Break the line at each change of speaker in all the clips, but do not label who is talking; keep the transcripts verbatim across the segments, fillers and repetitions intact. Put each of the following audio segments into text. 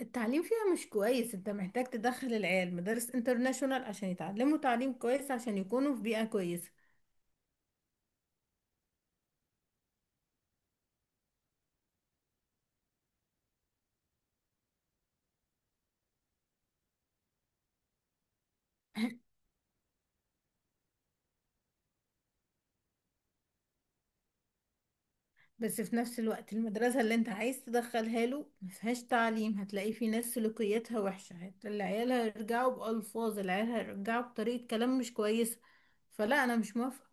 التعليم فيها مش كويس. انت محتاج تدخل العيال مدارس انترناشونال عشان يتعلموا تعليم كويس، عشان يكونوا في بيئة كويسة. بس في نفس الوقت المدرسة اللي انت عايز تدخلها له مفيهاش تعليم، هتلاقي في ناس سلوكياتها وحشة، هت- العيال هيرجعوا بألفاظ، العيال هيرجعوا بطريقة كلام مش كويسة. فلا، انا مش موافقة.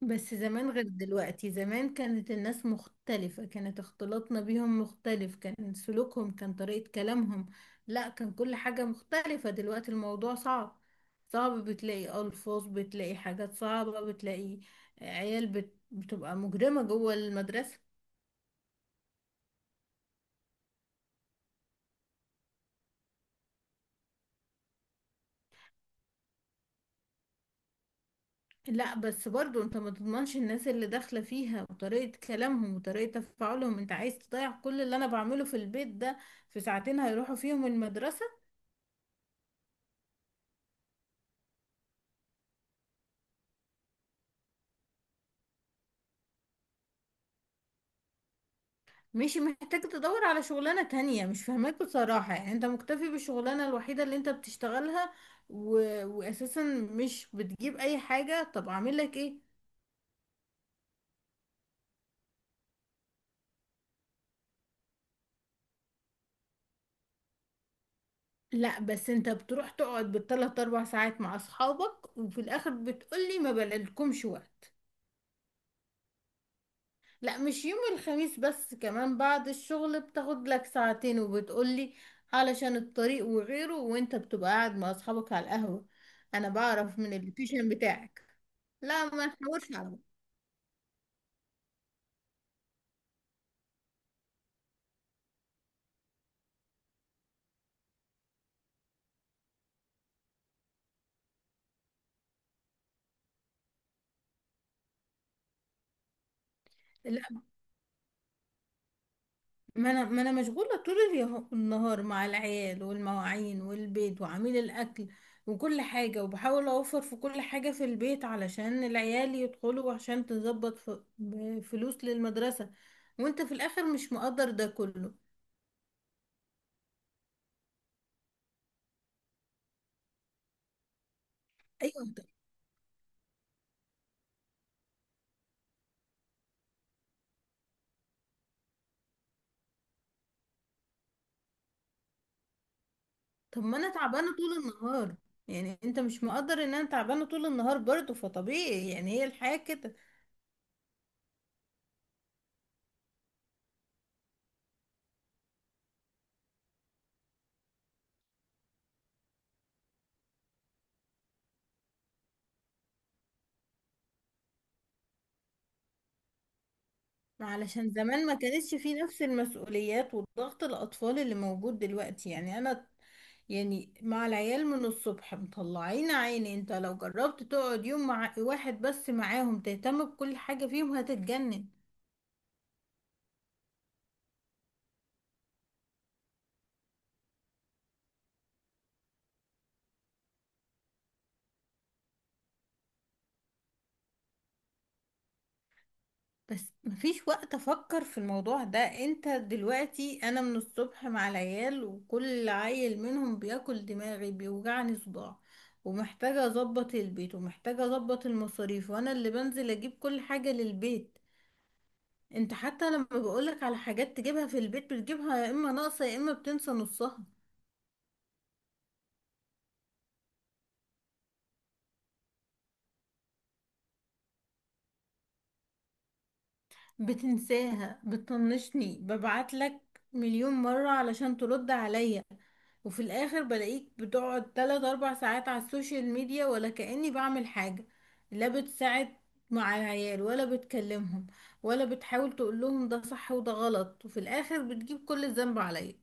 بس زمان غير دلوقتي، زمان كانت الناس مختلفة، كانت اختلاطنا بيهم مختلف، كان سلوكهم، كان طريقة كلامهم. لا، كان كل حاجة مختلفة، دلوقتي الموضوع صعب. صعب، بتلاقي ألفاظ، بتلاقي حاجات صعبة، بتلاقي عيال بت... بتبقى مجرمة جوه المدرسة. لا بس برضو انت ما تضمنش الناس اللي داخلة فيها وطريقة كلامهم وطريقة تفاعلهم. انت عايز تضيع كل اللي انا بعمله في البيت ده في ساعتين هيروحوا فيهم المدرسة؟ ماشي، محتاج تدور على شغلانة تانية، مش فاهماك بصراحة. يعني انت مكتفي بالشغلانة الوحيدة اللي انت بتشتغلها و... واساسا مش بتجيب اي حاجة، طب اعمل لك ايه؟ لا بس انت بتروح تقعد بالثلاث اربع ساعات مع اصحابك وفي الاخر بتقولي ما بلاقيلكمش وقت. لا، مش يوم الخميس بس، كمان بعد الشغل بتاخد لك ساعتين وبتقولي علشان الطريق وغيره، وانت بتبقى قاعد مع اصحابك على القهوة، انا بعرف من اللوكيشن بتاعك. لا ما نحورش على بعض. ما انا ما انا مشغوله طول اليه- النهار مع العيال والمواعين والبيت وعميل الاكل وكل حاجه، وبحاول اوفر في كل حاجه في البيت علشان العيال يدخلوا وعشان تظبط ف- ب- فلوس للمدرسه، وانت في الاخر مش مقدر ده كله. ايوه، طب طب ما انا تعبانه طول النهار. يعني انت مش مقدر ان انا تعبانه طول النهار برضه؟ فطبيعي يعني، هي الحياه كده. ما علشان زمان ما كانتش في نفس المسؤوليات والضغط الأطفال اللي موجود دلوقتي. يعني أنا يعني مع العيال من الصبح مطلعين عيني، انت لو جربت تقعد يوم مع واحد بس معاهم تهتم بكل حاجة فيهم هتتجنن. بس مفيش وقت افكر في الموضوع ده، انت دلوقتي انا من الصبح مع العيال وكل عيل منهم بياكل دماغي بيوجعني صداع، ومحتاجة اظبط البيت، ومحتاجة اظبط المصاريف، وانا اللي بنزل اجيب كل حاجة للبيت. انت حتى لما بقولك على حاجات تجيبها في البيت بتجيبها يا اما ناقصة يا اما بتنسى نصها، بتنساها، بتطنشني، ببعتلك مليون مرة علشان ترد عليا، وفي الاخر بلاقيك بتقعد تلات اربع ساعات على السوشيال ميديا، ولا كأني بعمل حاجة. لا بتساعد مع العيال، ولا بتكلمهم، ولا بتحاول تقولهم ده صح وده غلط، وفي الاخر بتجيب كل الذنب عليا.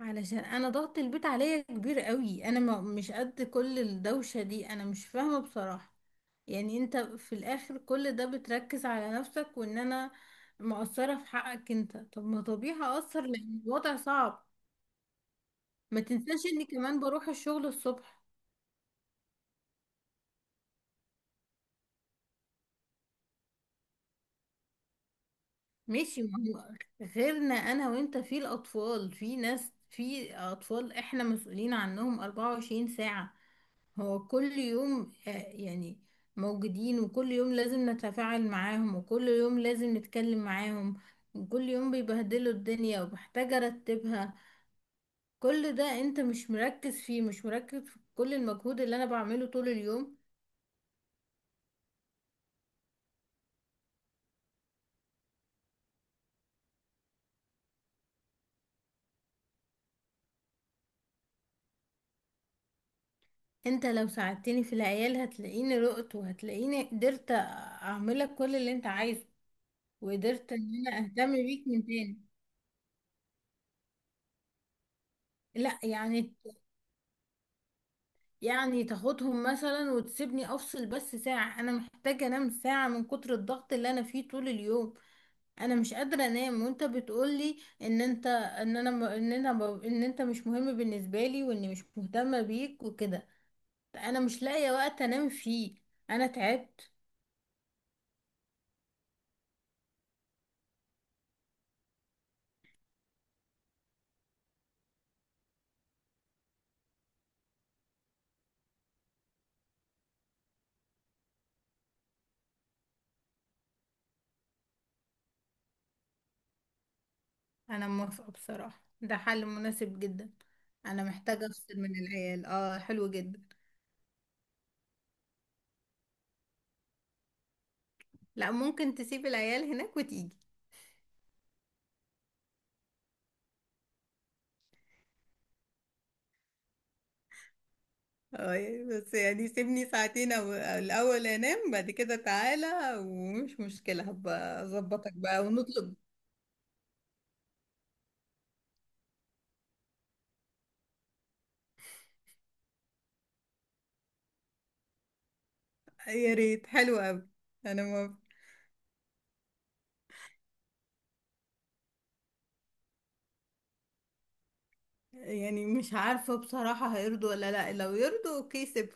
علشان انا ضغط البيت عليا كبير قوي، انا ما مش قد كل الدوشة دي. انا مش فاهمة بصراحة، يعني انت في الاخر كل ده بتركز على نفسك، وان انا مقصرة في حقك. انت طب ما طبيعي اقصر لان الوضع صعب. ما تنساش اني كمان بروح الشغل الصبح. ماشي، ما هو غيرنا انا وانت في الاطفال، في ناس في اطفال احنا مسؤولين عنهم اربعه وعشرين ساعة. هو كل يوم، آه، يعني موجودين، وكل يوم لازم نتفاعل معاهم، وكل يوم لازم نتكلم معاهم، وكل يوم بيبهدلوا الدنيا وبحتاج ارتبها. كل ده انت مش مركز فيه، مش مركز في كل المجهود اللي انا بعمله طول اليوم. انت لو ساعدتني في العيال هتلاقيني رقت، وهتلاقيني قدرت اعملك كل اللي انت عايزه، وقدرت ان انا اهتم بيك من تاني. لا يعني، يعني تاخدهم مثلا وتسيبني افصل بس ساعة، انا محتاجة انام ساعة من كتر الضغط اللي انا فيه طول اليوم. انا مش قادرة انام، وانت بتقولي ان انت ان انا م- ان انا ب- ان انت مش مهم بالنسبة لي واني مش مهتمة بيك وكده. انا مش لاقية وقت انام فيه، انا تعبت. انا موافقة بصراحة، ده حل مناسب جدا. انا محتاجة افصل من العيال، اه حلو جدا. لا، ممكن تسيب العيال هناك وتيجي. اه، بس يعني سيبني ساعتين او الاول انام، بعد كده تعالى ومش مشكلة، هبقى اظبطك بقى ونطلب. يا ريت، حلو قوي. انا ما يعني مش عارفة بصراحة، هيرضوا ولا لا؟ لو يرضوا اوكي سيب.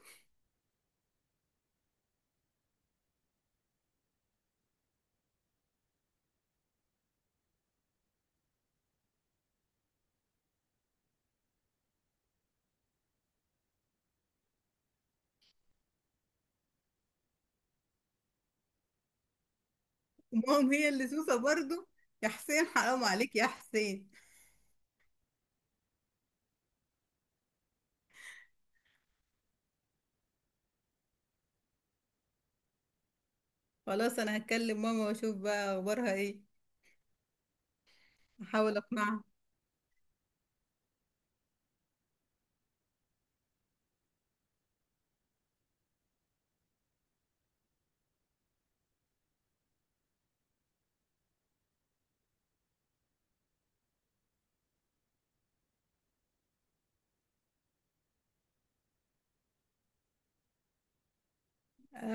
ماما هي اللي سوسة برضو، يا حسين حرام عليك يا حسين. خلاص، انا هتكلم ماما واشوف بقى اخبارها ايه، احاول اقنعها.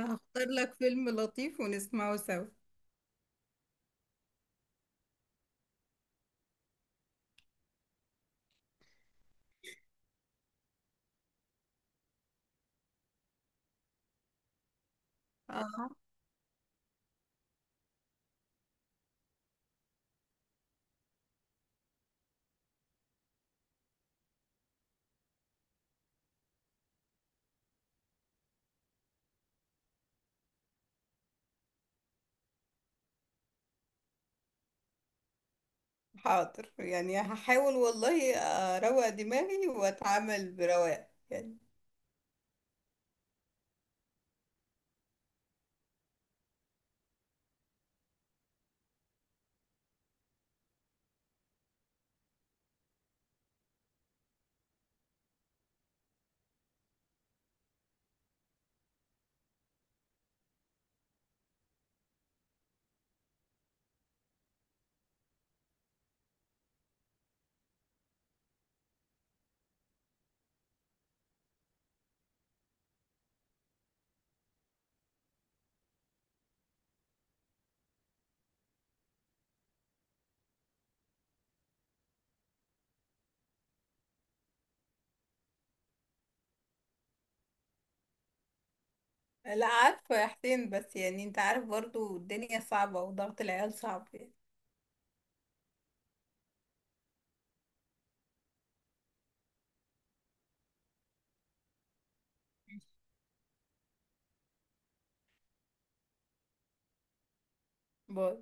هختار لك فيلم لطيف ونسمعه سوا. حاضر، يعني هحاول والله اروق دماغي واتعامل برواق يعني. لا عارفة يا حسين، بس يعني انت عارف برضو الدنيا صعبة، وضغط العيال صعب يعني. باي.